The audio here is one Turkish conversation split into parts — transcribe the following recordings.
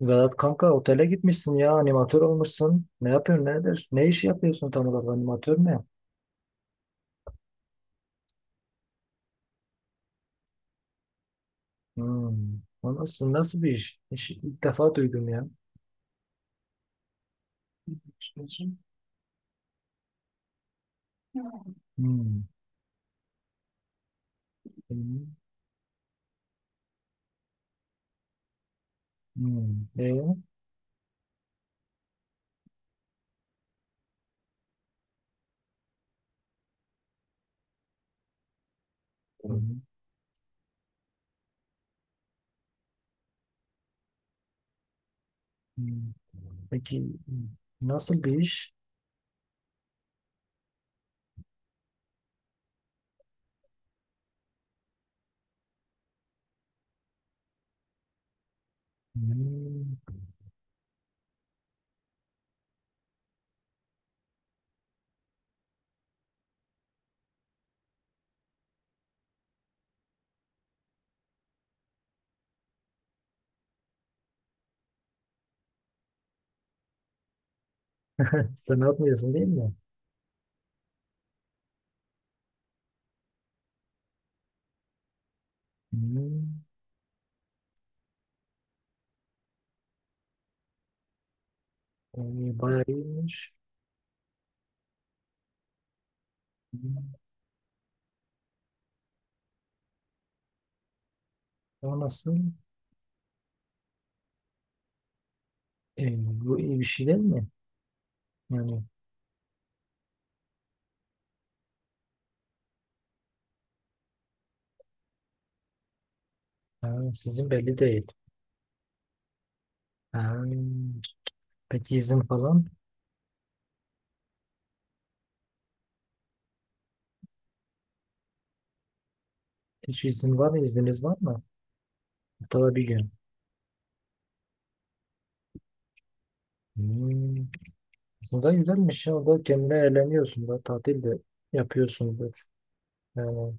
Vedat kanka, otele gitmişsin ya, animatör olmuşsun. Ne yapıyorsun, nedir? Ne iş yapıyorsun tam olarak, animatör ne? Hmm. O nasıl bir iş? İlk defa duydum ya. Hmm. Hmm. Hmm. E? Hmm. Hmm. Peki, hmm. nasıl bir iş? Hmm. Sen yapmıyorsun, değil mi? Hmm. E, bayağı iyiymiş. Hmm. O nasıl? E, bu iyi bir şey değil mi? Yani, ha, sizin belli değil. Ha, peki izin falan? Hiç izin var mı? İzniniz var mı? Haftada bir gün. Hmm. Aslında güzelmiş ya. Orada kendine eğleniyorsun da. Tatil de yapıyorsundur. Yani,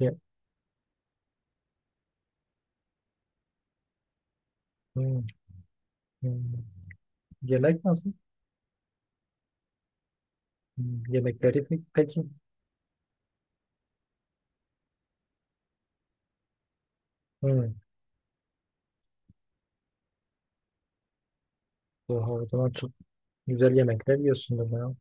ye- hmm, hmm. Yemek nasıl? Yemekleri peki? Hmm. Oha, o zaman çok güzel yemekler yiyorsundur ya.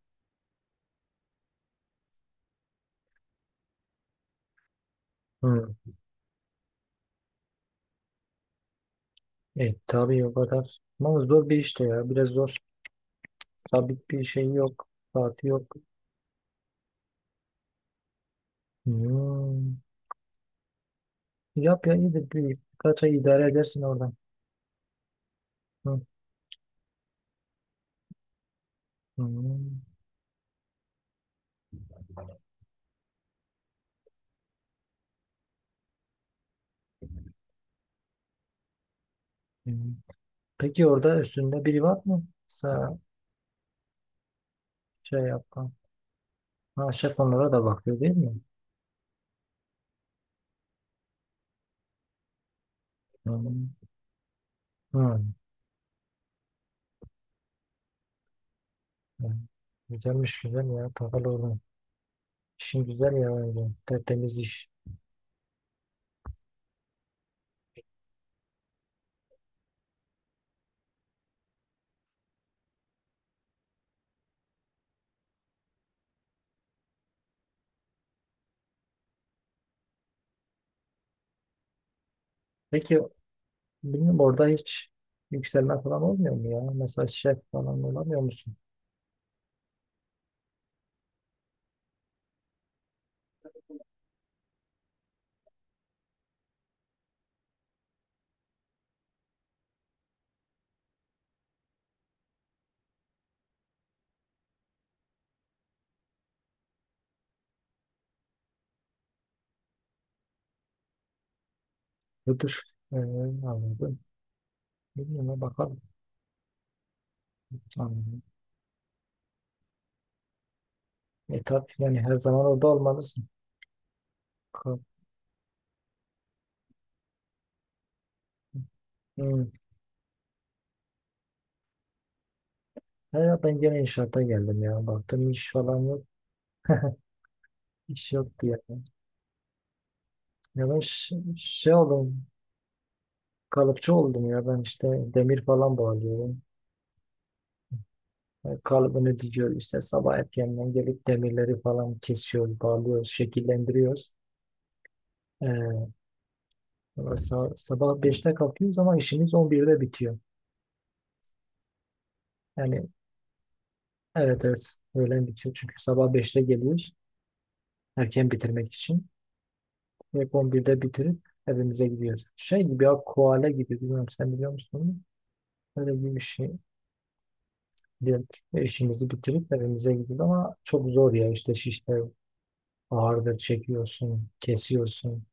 Hmm. E, tabii o kadar. Ama zor bir işte ya. Biraz zor. Sabit bir şey yok. Saati yok. Hmm. Yap ya, iyidir. Birkaç ay idare edersin oradan. Hmm. Hmm. Hmm. Peki, orada üstünde biri var mı? Sağ, şey yapan. Ha, şef onlara da bakıyor, değil mi? Hmm. Hmm. Hmm. Güzelmiş, güzel ya, takılı oğlum. İşin güzel ya öyle. Tertemiz iş. Peki, bilmiyorum, orada hiç yükselme falan olmuyor mu ya? Mesela şef falan olamıyor musun? Müdür. Anladım. Bilmiyorum ya, bakalım. Anladım. E, tabii, yani her zaman orada olmalısın. Bakalım. Hmm. Ya ben gene inşaata geldim ya. Baktım iş falan yok. İş yoktu ya. Ya ben şey oldum, kalıpçı oldum ya, ben işte demir falan bağlıyorum. E, kalıbını dikiyor işte, sabah erkenden gelip demirleri falan kesiyoruz, bağlıyoruz, şekillendiriyoruz. E, valla sabah 5'te kalkıyoruz ama işimiz 11'de bitiyor. Yani evet, evet, öğlen bitiyor, çünkü sabah 5'te geliyoruz erken bitirmek için. Ve 11'de bitirip evimize gidiyoruz. Şey gibi ya, koala gibi, bilmiyorum, sen biliyor musun onu? Öyle gibi bir şey. Diyelim ki işimizi bitirip evimize gidiyoruz ama çok zor ya, işte şişte ağırdır, çekiyorsun, kesiyorsun.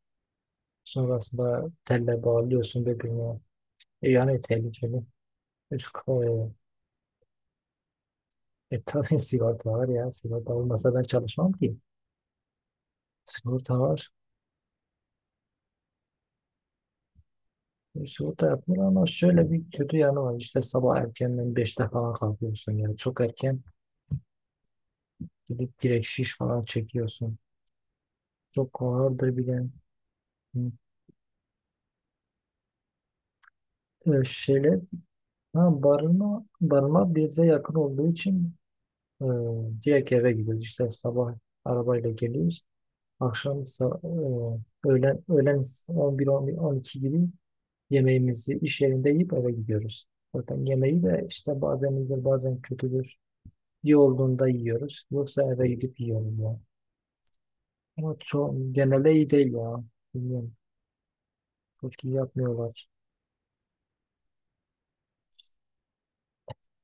Sonrasında telle bağlıyorsun birbirine. E yani, tehlikeli. Üf. Tabii sigorta var ya. Sigorta olmasa ben çalışmam ki. Sigorta var. E, sigorta yapmıyor ama şöyle bir kötü yanı var. İşte sabah erkenden 5'te falan kalkıyorsun yani. Çok erken gidip direkt şiş falan çekiyorsun. Çok ağırdır bir de. Hı. E, şeyler. Ha, barınma, barınma bize yakın olduğu için e, direkt eve gidiyoruz. İşte sabah arabayla geliyoruz. Akşam öğlen 11, 11, 12 gibi yemeğimizi iş yerinde yiyip eve gidiyoruz. Zaten yemeği de işte bazen iyidir, bazen kötüdür. İyi olduğunda yiyoruz. Yoksa eve gidip yiyoruz ya. Ama genelde iyi değil ya. Bilmiyorum. Çok iyi yapmıyorlar.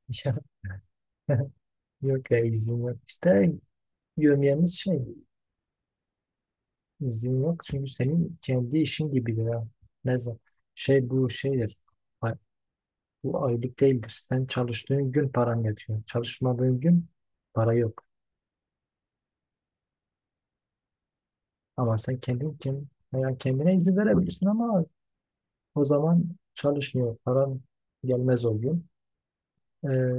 Yok ya, izin yok. İşte yömyemiz şey. İzin yok çünkü senin kendi işin gibidir ya. Ne zaman? Şey, bu şeydir. Ay- Bu aylık değildir. Sen çalıştığın gün paran yatıyor. Çalışmadığın gün para yok. Ama sen kendin yani kendine izin verebilirsin ama o zaman çalışmıyor. Paran gelmez o gün. Ee,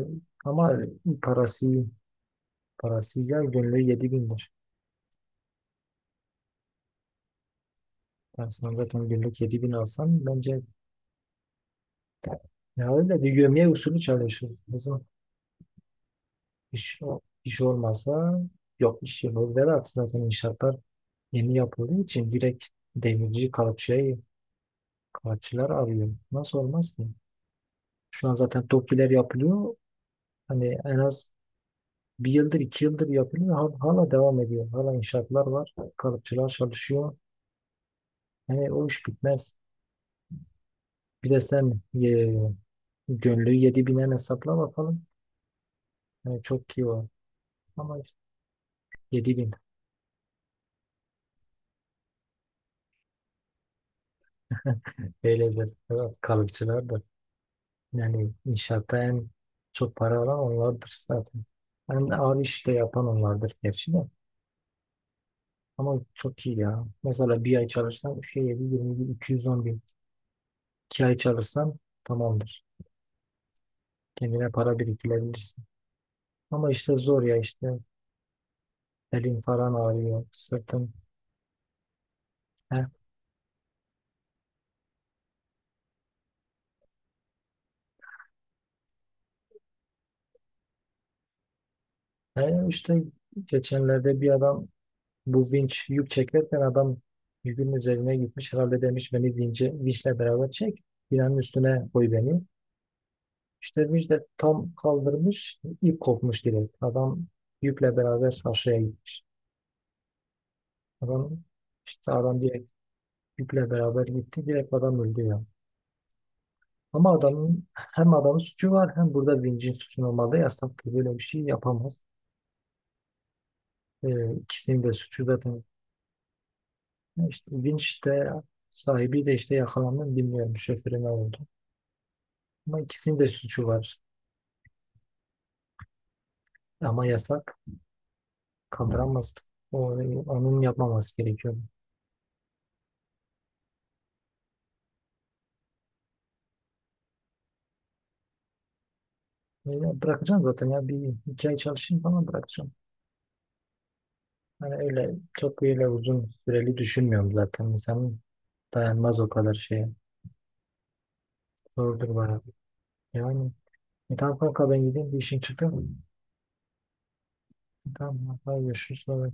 ama parası parası ya, günlüğü 7 bindir. Ben sana zaten günlük 7 bin alsam, bence ya öyle bir gömleği usulü çalışırız. İş, iş olmazsa yok, iş yapılır demez. Zaten inşaatlar yeni yapıldığı için direkt demirci, kalıpçıya kalıpçılar arıyor. Nasıl olmaz ki? Şu an zaten TOKİ'ler yapılıyor. Hani en az bir yıldır, 2 yıldır yapılıyor. Hala devam ediyor. Hala inşaatlar var. Kalıpçılar çalışıyor. Hani o iş bitmez. Bir de sen, gönlü 7 binen hesapla bakalım. Yani çok iyi var. Ama işte 7 bin. Böyledir. Evet, kalıpçılar da. Yani inşaatta en çok para alan onlardır zaten. En ağır iş de yapan onlardır gerçi de. Ama çok iyi ya. Mesela bir ay çalışsan 3'e 20 bin, 210 bin. 2 ay çalışsan tamamdır. Kendine para biriktirebilirsin. Ama işte zor ya işte. Elin falan ağrıyor, sırtın. He. E, işte geçenlerde bir adam, bu vinç yük çekerken, adam yükün üzerine gitmiş. Herhalde demiş, beni vince, vinçle beraber çek, binanın üstüne koy beni. İşte Müjde tam kaldırmış, ip kopmuş direkt. Adam yükle beraber aşağıya gitmiş. Adam işte, adam direkt yükle beraber gitti. Direkt adam öldü ya. Ama adamın, hem adamın suçu var, hem burada vincin suçu olmadı. Yasak ki böyle bir şey yapamaz. İkisinin de suçu zaten. İşte vinç de, sahibi de işte yakalandı, bilmiyorum şoförü ne oldu. Ama ikisinin de suçu var. Ama yasak, kaldıramazdı. O, onun yapmaması gerekiyordu. Öyle bırakacağım zaten ya, bir iki ay çalışayım falan, bırakacağım. Hani öyle, çok öyle uzun süreli düşünmüyorum zaten. İnsanın dayanmaz o kadar şeye. Zordur bana. Yani tamam kanka, ben gideyim, bir işim çıktı. Tamam kanka, görüşürüz. Bye bye.